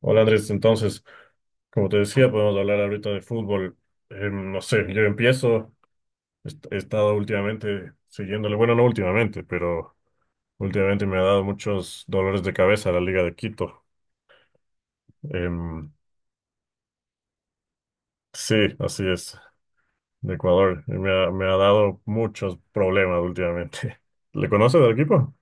Hola Andrés, entonces, como te decía, podemos hablar ahorita de fútbol. No sé, yo empiezo. He estado últimamente siguiéndole, bueno, no últimamente, pero últimamente me ha dado muchos dolores de cabeza la Liga de Quito. Em, sí, así es, de Ecuador. Me ha dado muchos problemas últimamente. ¿Le conoces del equipo?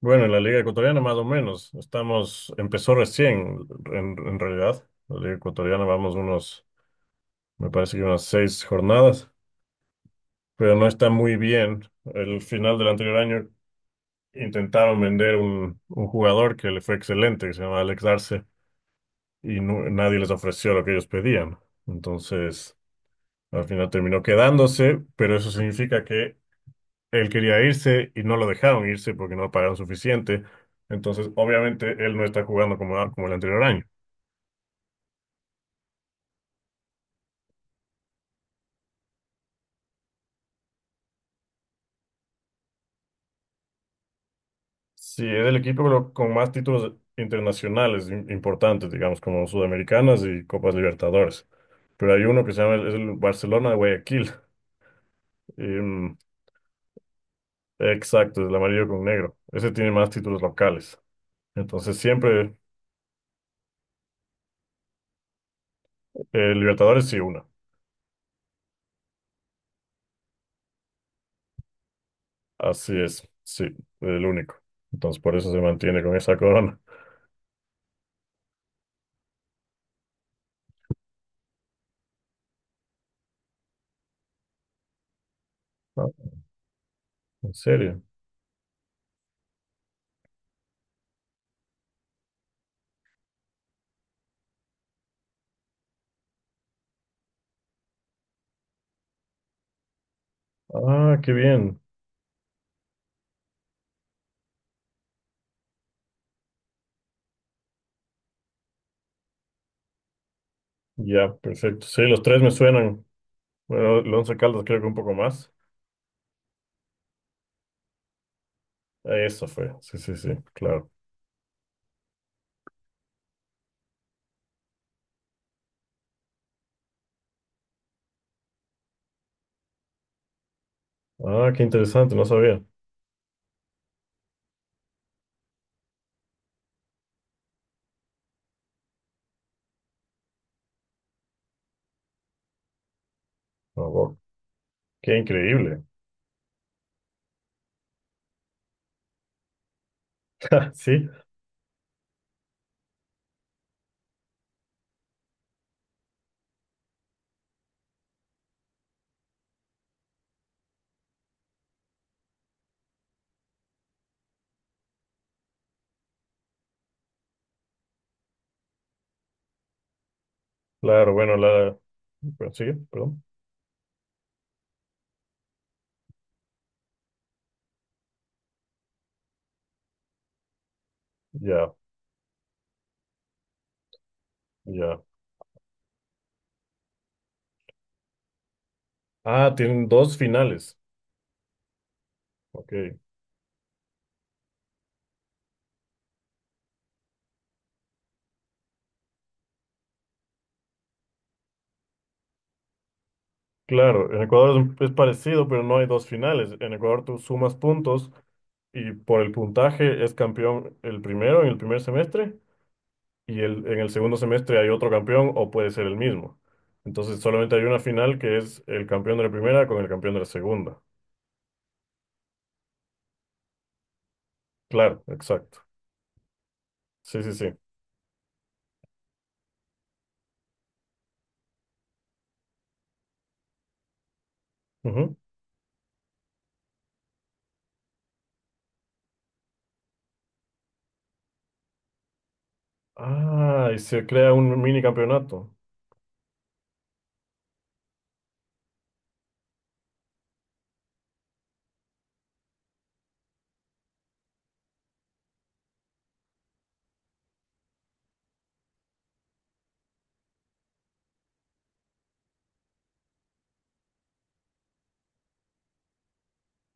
Bueno, en la Liga Ecuatoriana más o menos. Estamos, empezó recién, en realidad. La Liga Ecuatoriana vamos unos, me parece que unas seis jornadas, pero no está muy bien. El final del anterior año intentaron vender un jugador que le fue excelente, que se llama Alex Arce, y nadie les ofreció lo que ellos pedían. Entonces, al final terminó quedándose, pero eso significa que él quería irse y no lo dejaron irse porque no lo pagaron suficiente. Entonces, obviamente, él no está jugando como el anterior año. Sí, es el equipo con más títulos internacionales importantes, digamos, como Sudamericanas y Copas Libertadores. Pero hay uno que se llama es el Barcelona de Guayaquil. Em, exacto, es el amarillo con negro. Ese tiene más títulos locales. Entonces siempre Libertadores sí una. Así es, sí, el único. Entonces por eso se mantiene con esa corona. Ah, ¿en serio? Ah, qué bien. Ya, perfecto. Sí, los tres me suenan. Bueno, el Once Caldas creo que un poco más. Eso fue. Sí, sí, sí, claro. Ah, qué interesante, no sabía. Ah, wow, qué increíble. Sí, claro, bueno, la... bueno, sigue, perdón. Ya, ya. Ah, tienen dos finales. Ok. Claro, en Ecuador es parecido, pero no hay dos finales. En Ecuador tú sumas puntos y por el puntaje es campeón el primero en el primer semestre y en el segundo semestre hay otro campeón o puede ser el mismo. Entonces solamente hay una final que es el campeón de la primera con el campeón de la segunda. Claro, exacto. Sí, sí, sí. Ujú. Ah, y se crea un mini campeonato.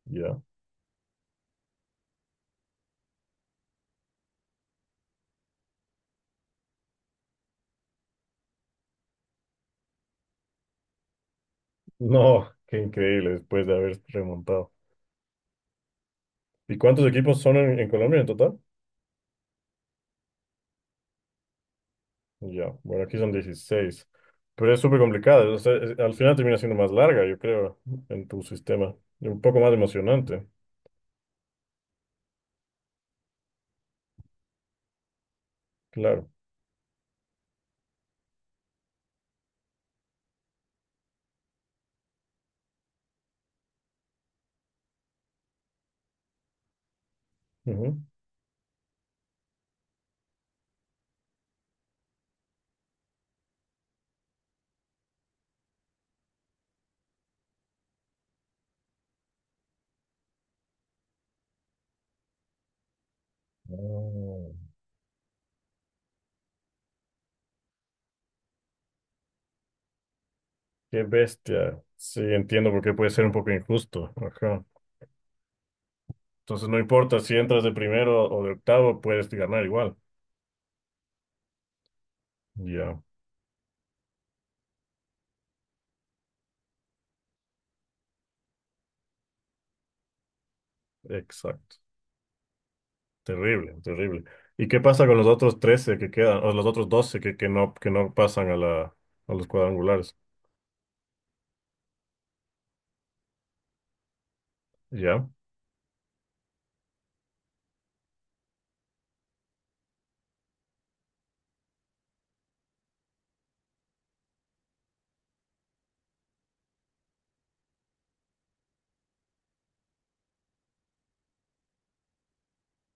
Ya. No, qué increíble después de haber remontado. ¿Y cuántos equipos son en Colombia en total? Ya, bueno, aquí son dieciséis. Pero es súper complicado, o sea, al final termina siendo más larga, yo creo, en tu sistema. Y un poco más emocionante, claro. Ujú. Oh, qué bestia. Sí, entiendo por qué puede ser un poco injusto. Ajá. Entonces, no importa si entras de primero o de octavo, puedes ganar igual. Ya, exacto. Terrible, terrible. ¿Y qué pasa con los otros 13 que quedan, o los otros 12 que no pasan a a los cuadrangulares? Ya.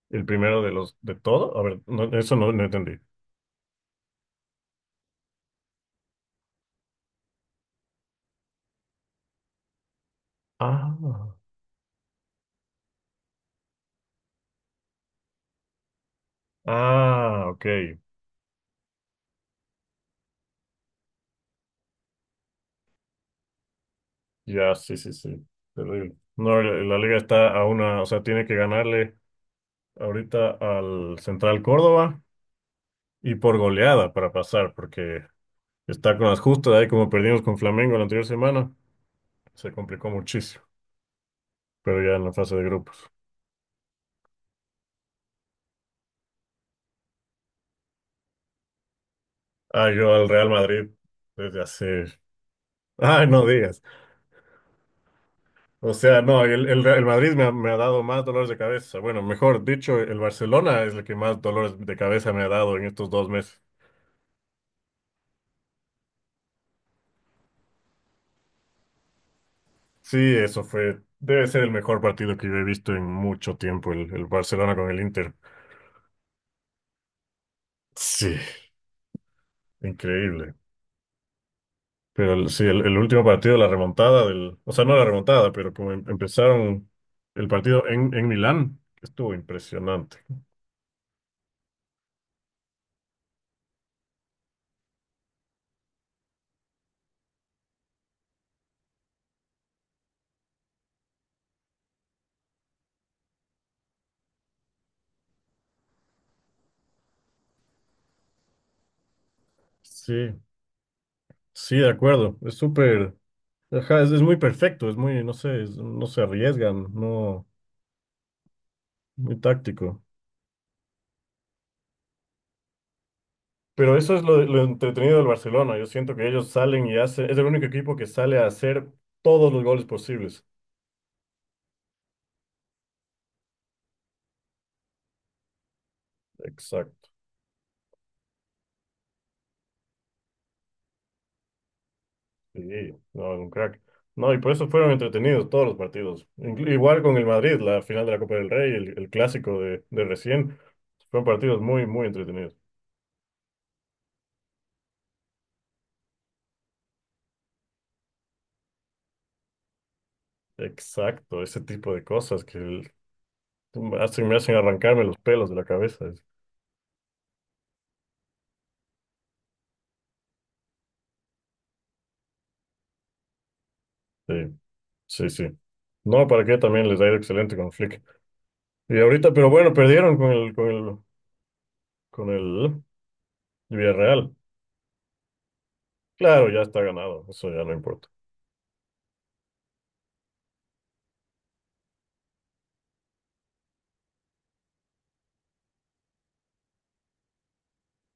El primero de los de todo. A ver, no, eso no, no entendí. Ah, ah, ok. Ya, sí, sí, sí. Terrible. No, la liga está a una, o sea, tiene que ganarle ahorita al Central Córdoba y por goleada para pasar, porque está con las justas ahí como perdimos con Flamengo la anterior semana. Se complicó muchísimo, pero ya en la fase de grupos. Ah, yo al Real Madrid desde hace. Ay, no digas. O sea, no, el Madrid me ha dado más dolores de cabeza. Bueno, mejor dicho, el Barcelona es el que más dolores de cabeza me ha dado en estos dos meses. Sí, eso fue, debe ser el mejor partido que yo he visto en mucho tiempo, el Barcelona con el Inter. Sí, increíble. Pero sí, el último partido, la remontada del, o sea, no la remontada, pero como empezaron el partido en Milán, estuvo impresionante. Sí, sí, de acuerdo. Es súper. Ajá, es muy perfecto, es muy, no sé, no se arriesgan, no, muy táctico. Pero eso es lo entretenido del Barcelona. Yo siento que ellos salen y hacen, es el único equipo que sale a hacer todos los goles posibles. Exacto. Sí, no, es un crack. No, y por eso fueron entretenidos todos los partidos. Igual con el Madrid, la final de la Copa del Rey, el clásico de recién. Fueron partidos muy, muy entretenidos. Exacto, ese tipo de cosas que me hacen arrancarme los pelos de la cabeza. Sí. Sí, sí. No, para qué también les ha ido excelente con Flick. Y ahorita, pero bueno, perdieron con con el Villarreal. Claro, ya está ganado, eso ya no importa.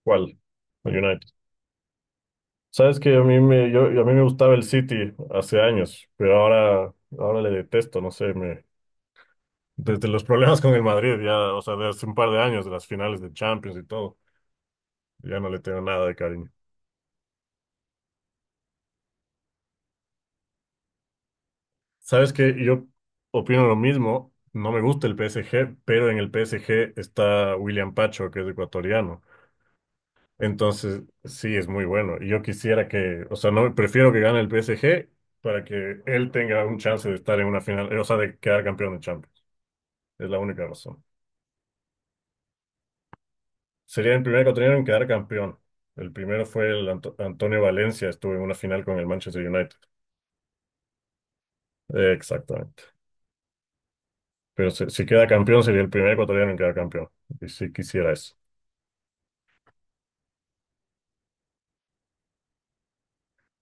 ¿Cuál? El United. Sabes que a mí me gustaba el City hace años, pero ahora le detesto, no sé, me, desde los problemas con el Madrid, ya, o sea, de hace un par de años, de las finales de Champions y todo, ya no le tengo nada de cariño. Sabes que yo opino lo mismo. No me gusta el PSG, pero en el PSG está William Pacho, que es ecuatoriano. Entonces, sí, es muy bueno. Y yo quisiera que, o sea, no prefiero que gane el PSG para que él tenga un chance de estar en una final, o sea, de quedar campeón de Champions. Es la única razón. Sería el primer ecuatoriano en quedar campeón. El primero fue el Antonio Valencia, estuvo en una final con el Manchester United. Exactamente. Pero si queda campeón, sería el primer ecuatoriano en quedar campeón. Y sí quisiera eso.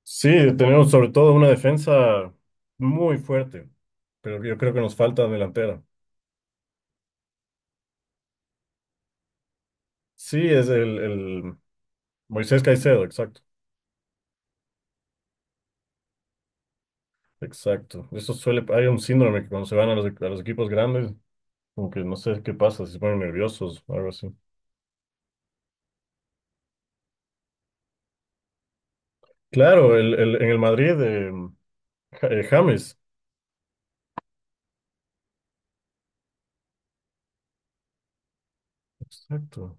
Sí, tenemos sobre todo una defensa muy fuerte, pero yo creo que nos falta delantera. Sí, es el Moisés Caicedo, exacto. Eso suele, hay un síndrome que cuando se van a a los equipos grandes, como que no sé qué pasa, si se ponen nerviosos o algo así. Claro, en el Madrid, James, exacto.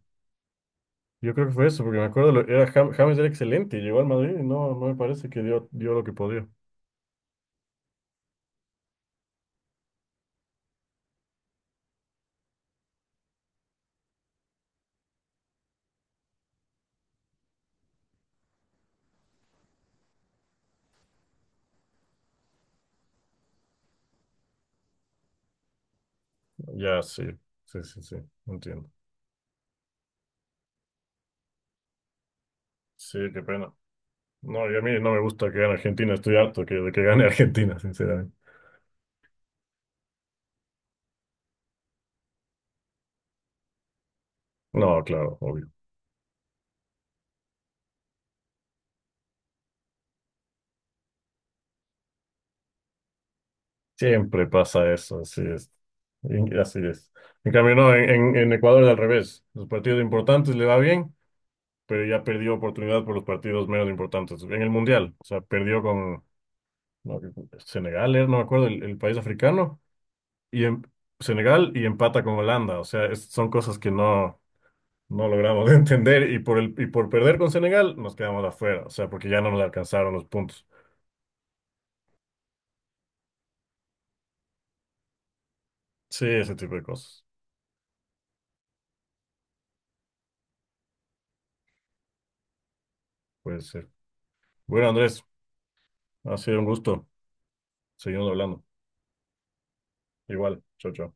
Yo creo que fue eso, porque me acuerdo, James era excelente, llegó al Madrid y no, no me parece que dio, dio lo que podía. Ya, sí, sí, sí, sí, entiendo. Sí, qué pena. No, y a mí no me gusta que gane Argentina, estoy harto de que gane Argentina, sinceramente. No, claro, obvio. Siempre pasa eso, así es. Así es. En cambio, no, en Ecuador es al revés. Los partidos importantes le va bien, pero ya perdió oportunidad por los partidos menos importantes. En el Mundial, o sea, perdió con no, Senegal, era, no me acuerdo, el país africano, y en, Senegal y empata con Holanda. O sea, son cosas que no. No logramos entender y por perder con Senegal nos quedamos afuera, o sea, porque ya no nos alcanzaron los puntos. Sí, ese tipo de cosas. Puede ser. Bueno, Andrés, ha sido un gusto. Seguimos hablando. Igual, chao, chao.